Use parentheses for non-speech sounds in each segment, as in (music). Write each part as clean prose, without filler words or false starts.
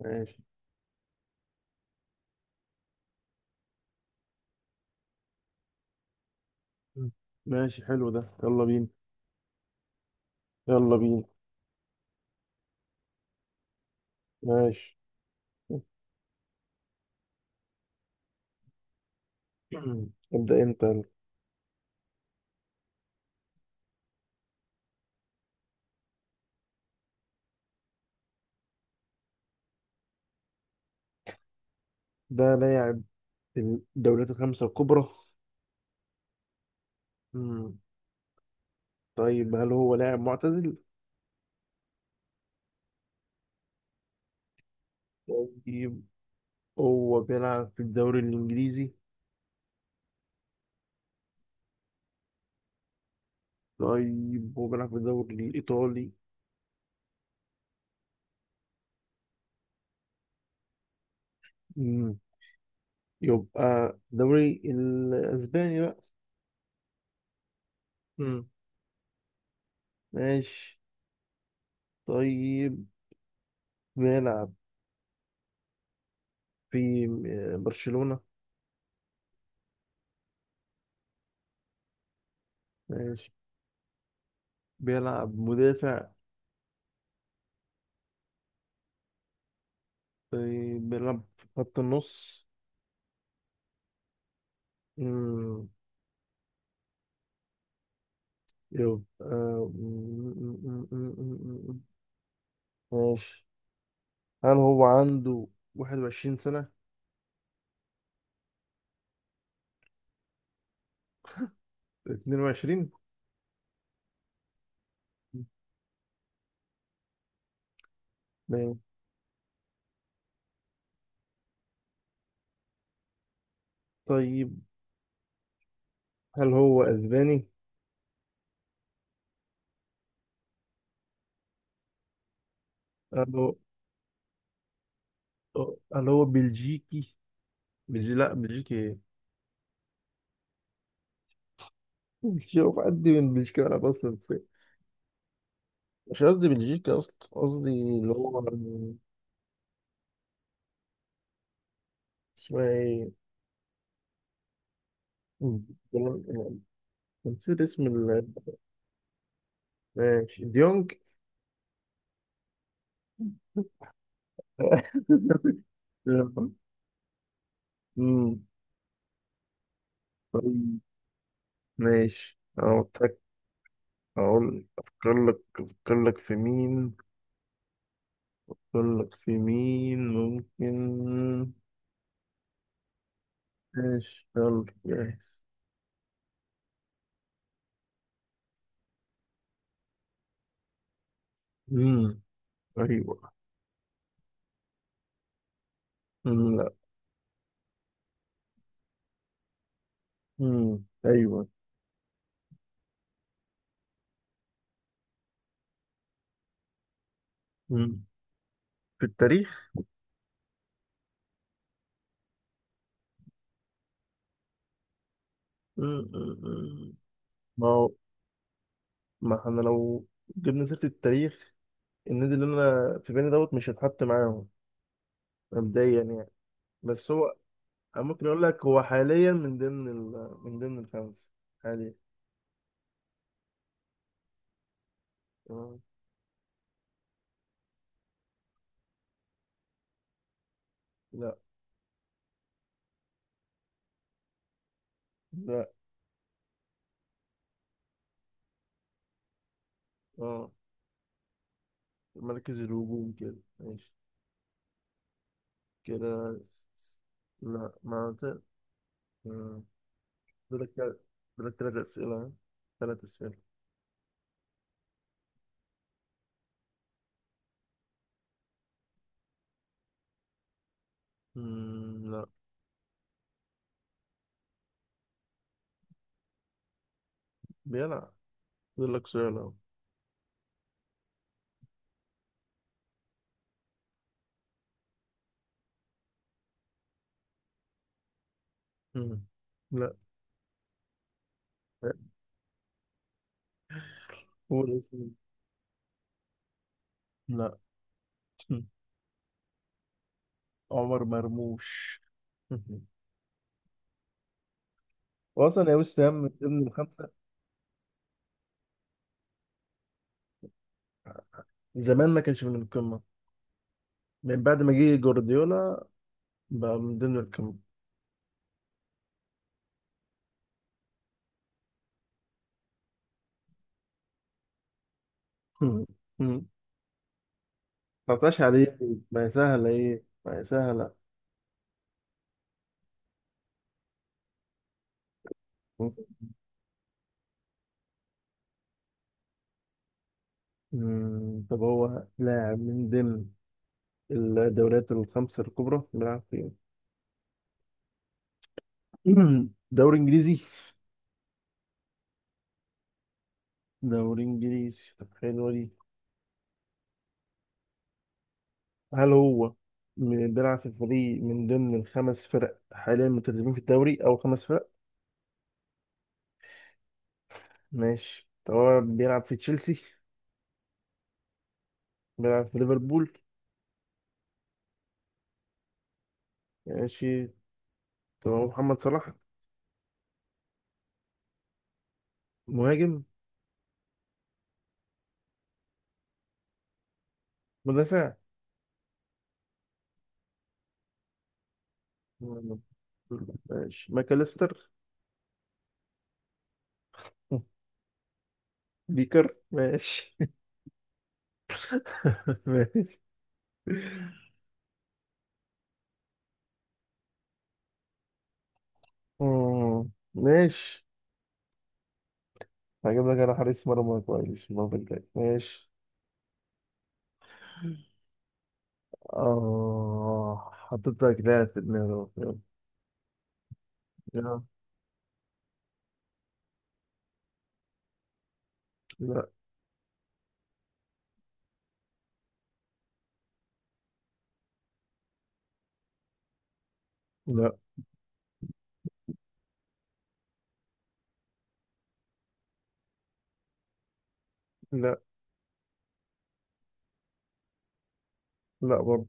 ماشي. مم. ماشي حلو ده، يلا بينا. يلا بينا. ماشي. (clears throat) ابدأ انت يلا. ده لاعب الدوريات الخمسة الكبرى. مم. طيب، هل هو لاعب معتزل؟ طيب، هو بيلعب في الدوري الإنجليزي؟ طيب، هو بيلعب في الدوري الإيطالي؟ مم. يبقى الدوري الأسباني بقى. مم. ماشي. طيب، بيلعب في برشلونة. ماشي. بيلعب مدافع؟ طيب، بيلعب في خط النص. مم، يبقى مم. ماشي. هل هو عنده 21 سنة؟ 22؟ ماشي. طيب، هل هو أسباني؟ هل هو هل هو بلجيكي؟ لا، بلجيكي ايه؟ بلجيكي، هو في قد من بلجيكا؟ أنا أصلا مش قصدي بلجيكا، أصلا قصدي اللي هو اسمها ايه. مم. نسيت اسم ماشي ديونج. (laughs) أمم، طيب ماشي، أنا قلتلك. أقول أفكر لك في مين، أفكر لك في مين ممكن. ماشي، يلا جاهز. أمم، أيوة. لا. أيوة. أمم، في التاريخ. أمم، أمم، أمم. ما هو، ما احنا لو جبنا سيرة التاريخ، النادي اللي أنا في بالي دوت مش هتحط معاهم، مبدئيا يعني. بس هو، أنا ممكن أقول لك هو حاليا من ضمن من ضمن الخمس، حاليا. آه. لا. لا، اه مركز الهجوم كده، ماشي. كده لا ما ت- آه. دولك دولك تلات أسئلة، تلات أسئلة. لا. بيلعب. دولك سؤال أهو. مم. لا، قول اسمه. لا. (laughs) عمر مرموش. (laughs) وأصلا يا وسام، من ضمن الخمسة. زمان ما كانش من القمة، من بعد ما جه جوارديولا بقى من ضمن الكم. مم. مم. 19 عليه، ما هي سهلة، إيه ما هي سهلة. طب هو لاعب من ضمن الدوريات الخمس الكبرى، بيلعب فين؟ (clears throat) دوري إنجليزي. دوري إنجليزي، طب حلوة دي. هل هو بيلعب في فريق من ضمن الخمس فرق حاليا متدربين في الدوري أو خمس فرق؟ ماشي. طب هو بيلعب في تشيلسي؟ بيلعب في ليفربول؟ ماشي. طب هو محمد صلاح؟ مهاجم؟ مدافع؟ مم. ماشي. ماكاليستر؟ بيكر، ماشي. (laughs) ماشي. مم. ماشي، هجيب لك انا حارس مرمى كويس المرة الجاية، ماشي. اه، حطيت لك لاعب في دماغي أهو. يلا. لا. لا. لا. لا. لا برضه.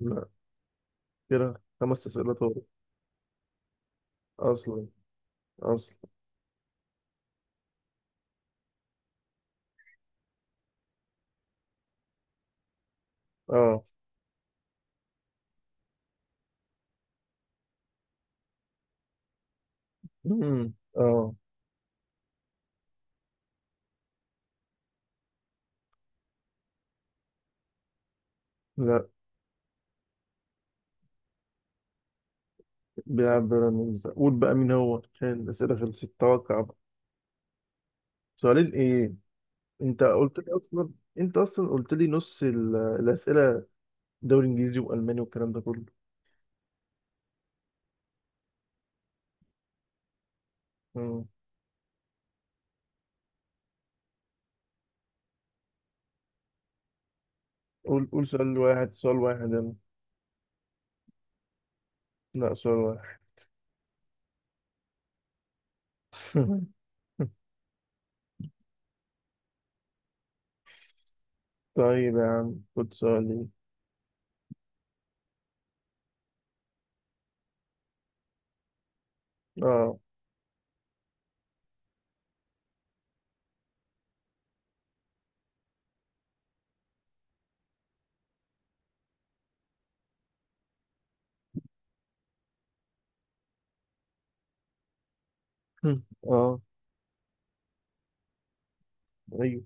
لا. كده خمس أسئلة طول. أصلا، أصلا. اه. مم. اه. لا، بيلعب بيراميدز. قول بقى مين هو، عشان الأسئلة خلصت، توقع بقى. سؤالين ايه، انت قلت لي اصلا انت اصلا قلت لي نص الاسئله، دوري انجليزي والماني والكلام ده كله. مم. قول، قول سؤال واحد، سؤال واحد، يلا. لا، سؤال واحد. (laughs) طيب يا عم خد سؤالي. اه. (laughs) اه. ايوه.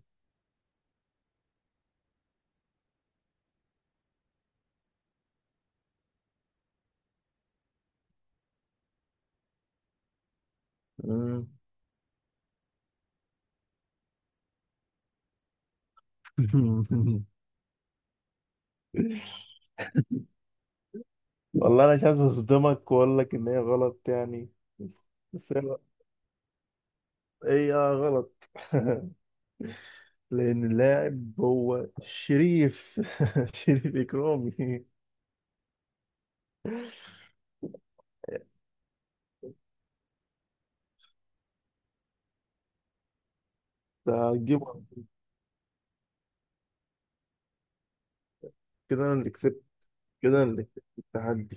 مم. (laughs) والله، انا مش عايز اصدمك واقول لك ان هي غلط يعني، بس هي غلط. (laughs) لان اللاعب هو شريف، (laughs) شريف اكرامي. ده هتجيبه. كده انا اللي كسبت. كده الاتحاد.